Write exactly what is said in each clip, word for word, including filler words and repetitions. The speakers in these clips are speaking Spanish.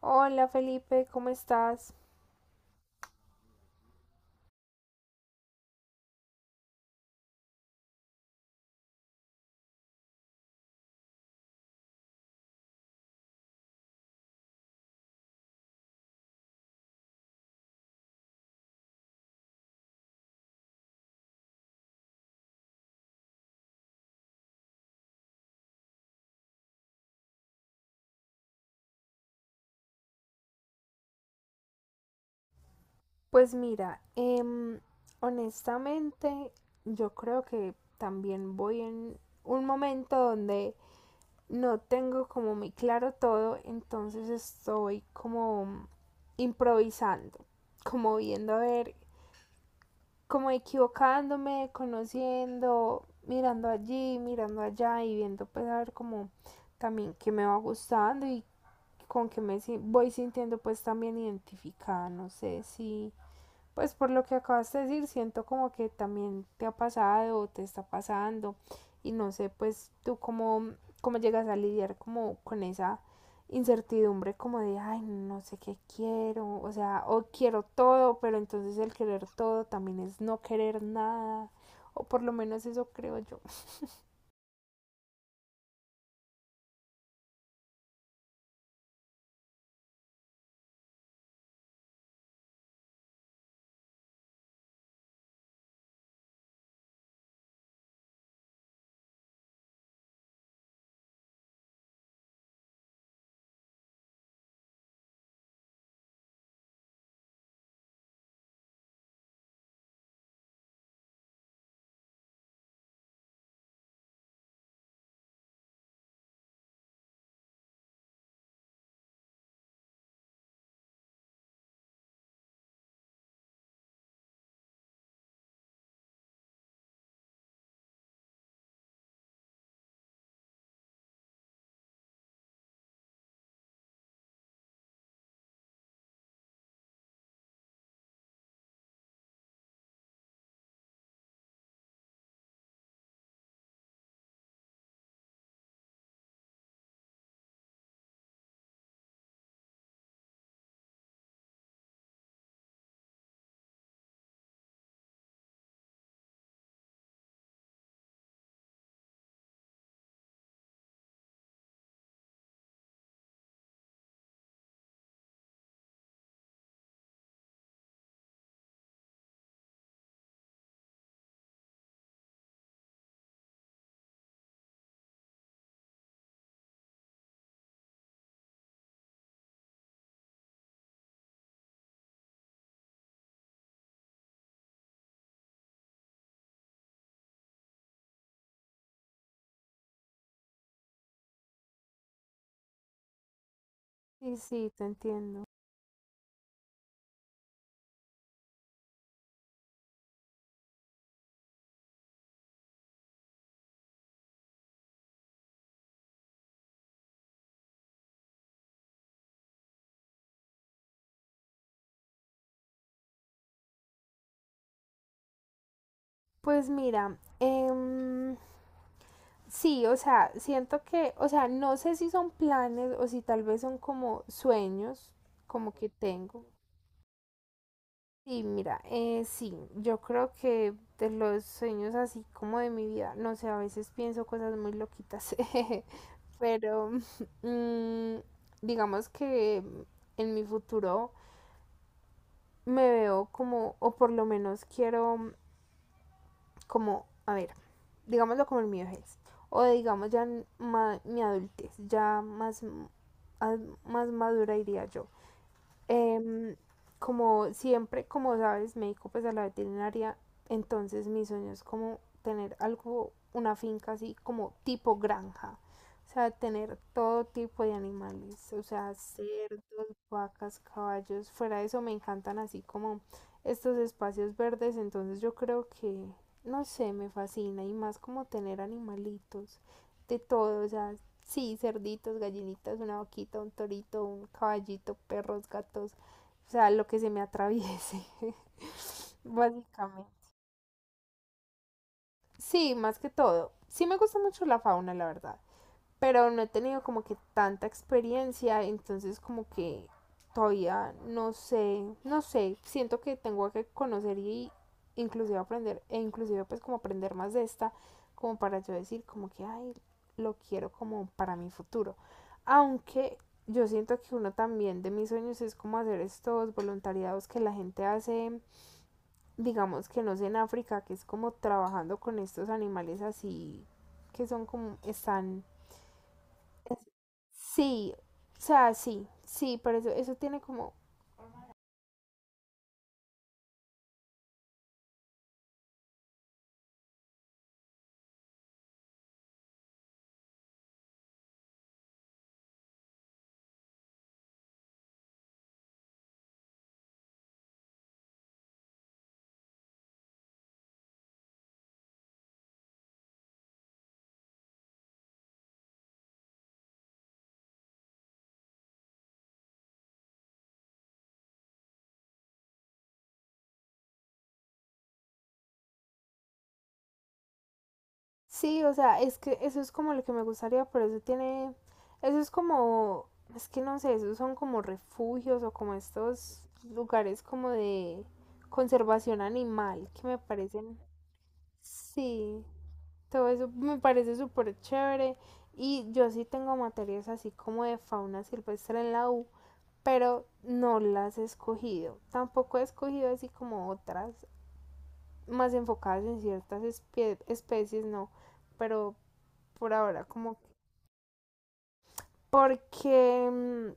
Hola Felipe, ¿cómo estás? Pues mira, em, honestamente yo creo que también voy en un momento donde no tengo como muy claro todo, entonces estoy como improvisando, como viendo a ver como equivocándome, conociendo, mirando allí, mirando allá y viendo pues a ver como también qué me va gustando y con qué me si- voy sintiendo pues también identificada, no sé si pues por lo que acabas de decir, siento como que también te ha pasado o te está pasando y no sé, pues tú cómo, cómo llegas a lidiar como con esa incertidumbre como de, ay, no sé qué quiero, o sea, o quiero todo, pero entonces el querer todo también es no querer nada, o por lo menos eso creo yo. Sí, sí, te entiendo. Pues mira, em, sí, o sea, siento que, o sea, no sé si son planes o si tal vez son como sueños, como que tengo. Sí, mira, eh, sí, yo creo que de los sueños así como de mi vida, no sé, a veces pienso cosas muy loquitas, pero mm, digamos que en mi futuro me veo como, o por lo menos quiero como, a ver, digámoslo como el mío es, o digamos ya en ma- mi adultez, ya más, más madura diría yo. Em, Como siempre, como sabes, me dedico pues a la veterinaria, entonces mi sueño es como tener algo, una finca así como tipo granja, o sea, tener todo tipo de animales, o sea, cerdos, vacas, caballos, fuera de eso me encantan así como estos espacios verdes, entonces yo creo que, no sé, me fascina y más como tener animalitos de todo, o sea, sí, cerditos, gallinitas, una vaquita, un torito, un caballito, perros, gatos, o sea, lo que se me atraviese, básicamente. Sí, más que todo. Sí me gusta mucho la fauna, la verdad, pero no he tenido como que tanta experiencia, entonces como que todavía no sé, no sé, siento que tengo que conocer y inclusive aprender, e inclusive pues como aprender más de esta, como para yo decir como que, ay, lo quiero como para mi futuro. Aunque yo siento que uno también de mis sueños es como hacer estos voluntariados que la gente hace, digamos que no sé, en África, que es como trabajando con estos animales así que son como están es- sí, o sea, sí, sí, pero eso, eso tiene como, sí, o sea, es que eso es como lo que me gustaría, pero eso tiene, eso es como, es que no sé, esos son como refugios o como estos lugares como de conservación animal que me parecen, sí, todo eso me parece súper chévere y yo sí tengo materias así como de fauna silvestre en la U, pero no las he escogido, tampoco he escogido así como otras, más enfocadas en ciertas espe especies, no, pero por ahora como que porque mm,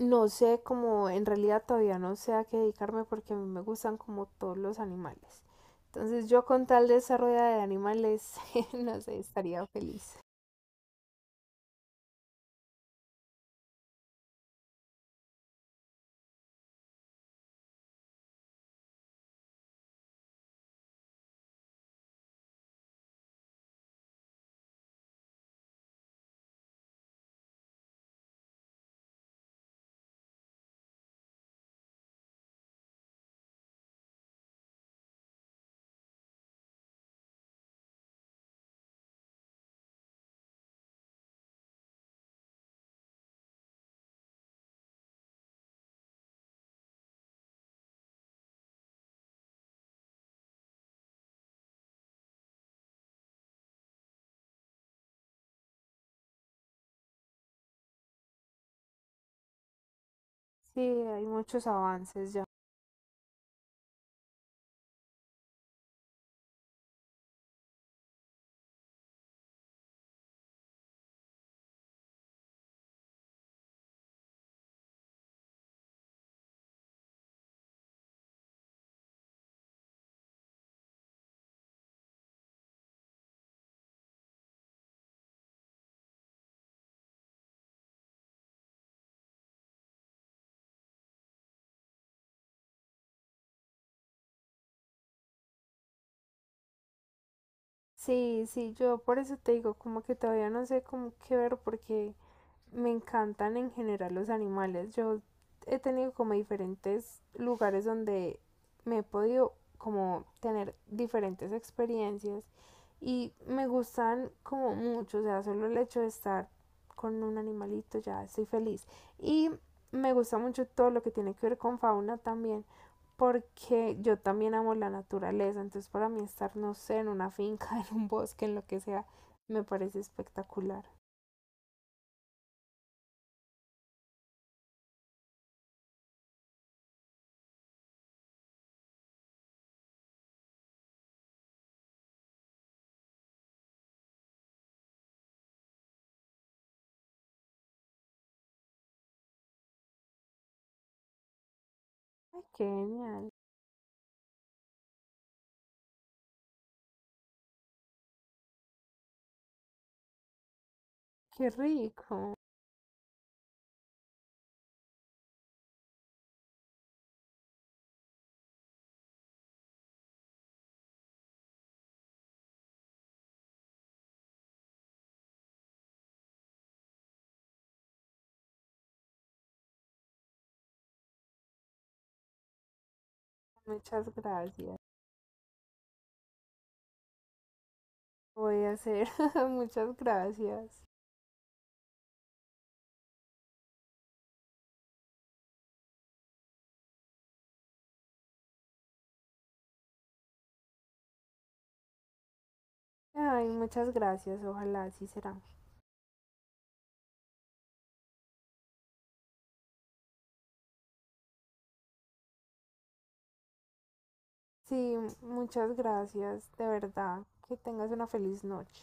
no sé como en realidad todavía no sé a qué dedicarme porque a mí me gustan como todos los animales. Entonces yo con tal de esa rueda de animales, no sé, estaría feliz. Sí, hay muchos avances ya. Sí, sí, yo por eso te digo como que todavía no sé cómo qué ver porque me encantan en general los animales. Yo he tenido como diferentes lugares donde me he podido como tener diferentes experiencias y me gustan como mucho, o sea, solo el hecho de estar con un animalito ya estoy feliz. Y me gusta mucho todo lo que tiene que ver con fauna también, porque yo también amo la naturaleza, entonces para mí estar, no sé, en una finca, en un bosque, en lo que sea, me parece espectacular. Ay, qué genial. Qué rico. Muchas gracias. Voy a hacer. Muchas gracias. Ay, muchas gracias. Ojalá así será. Sí, muchas gracias. De verdad. Que tengas una feliz noche.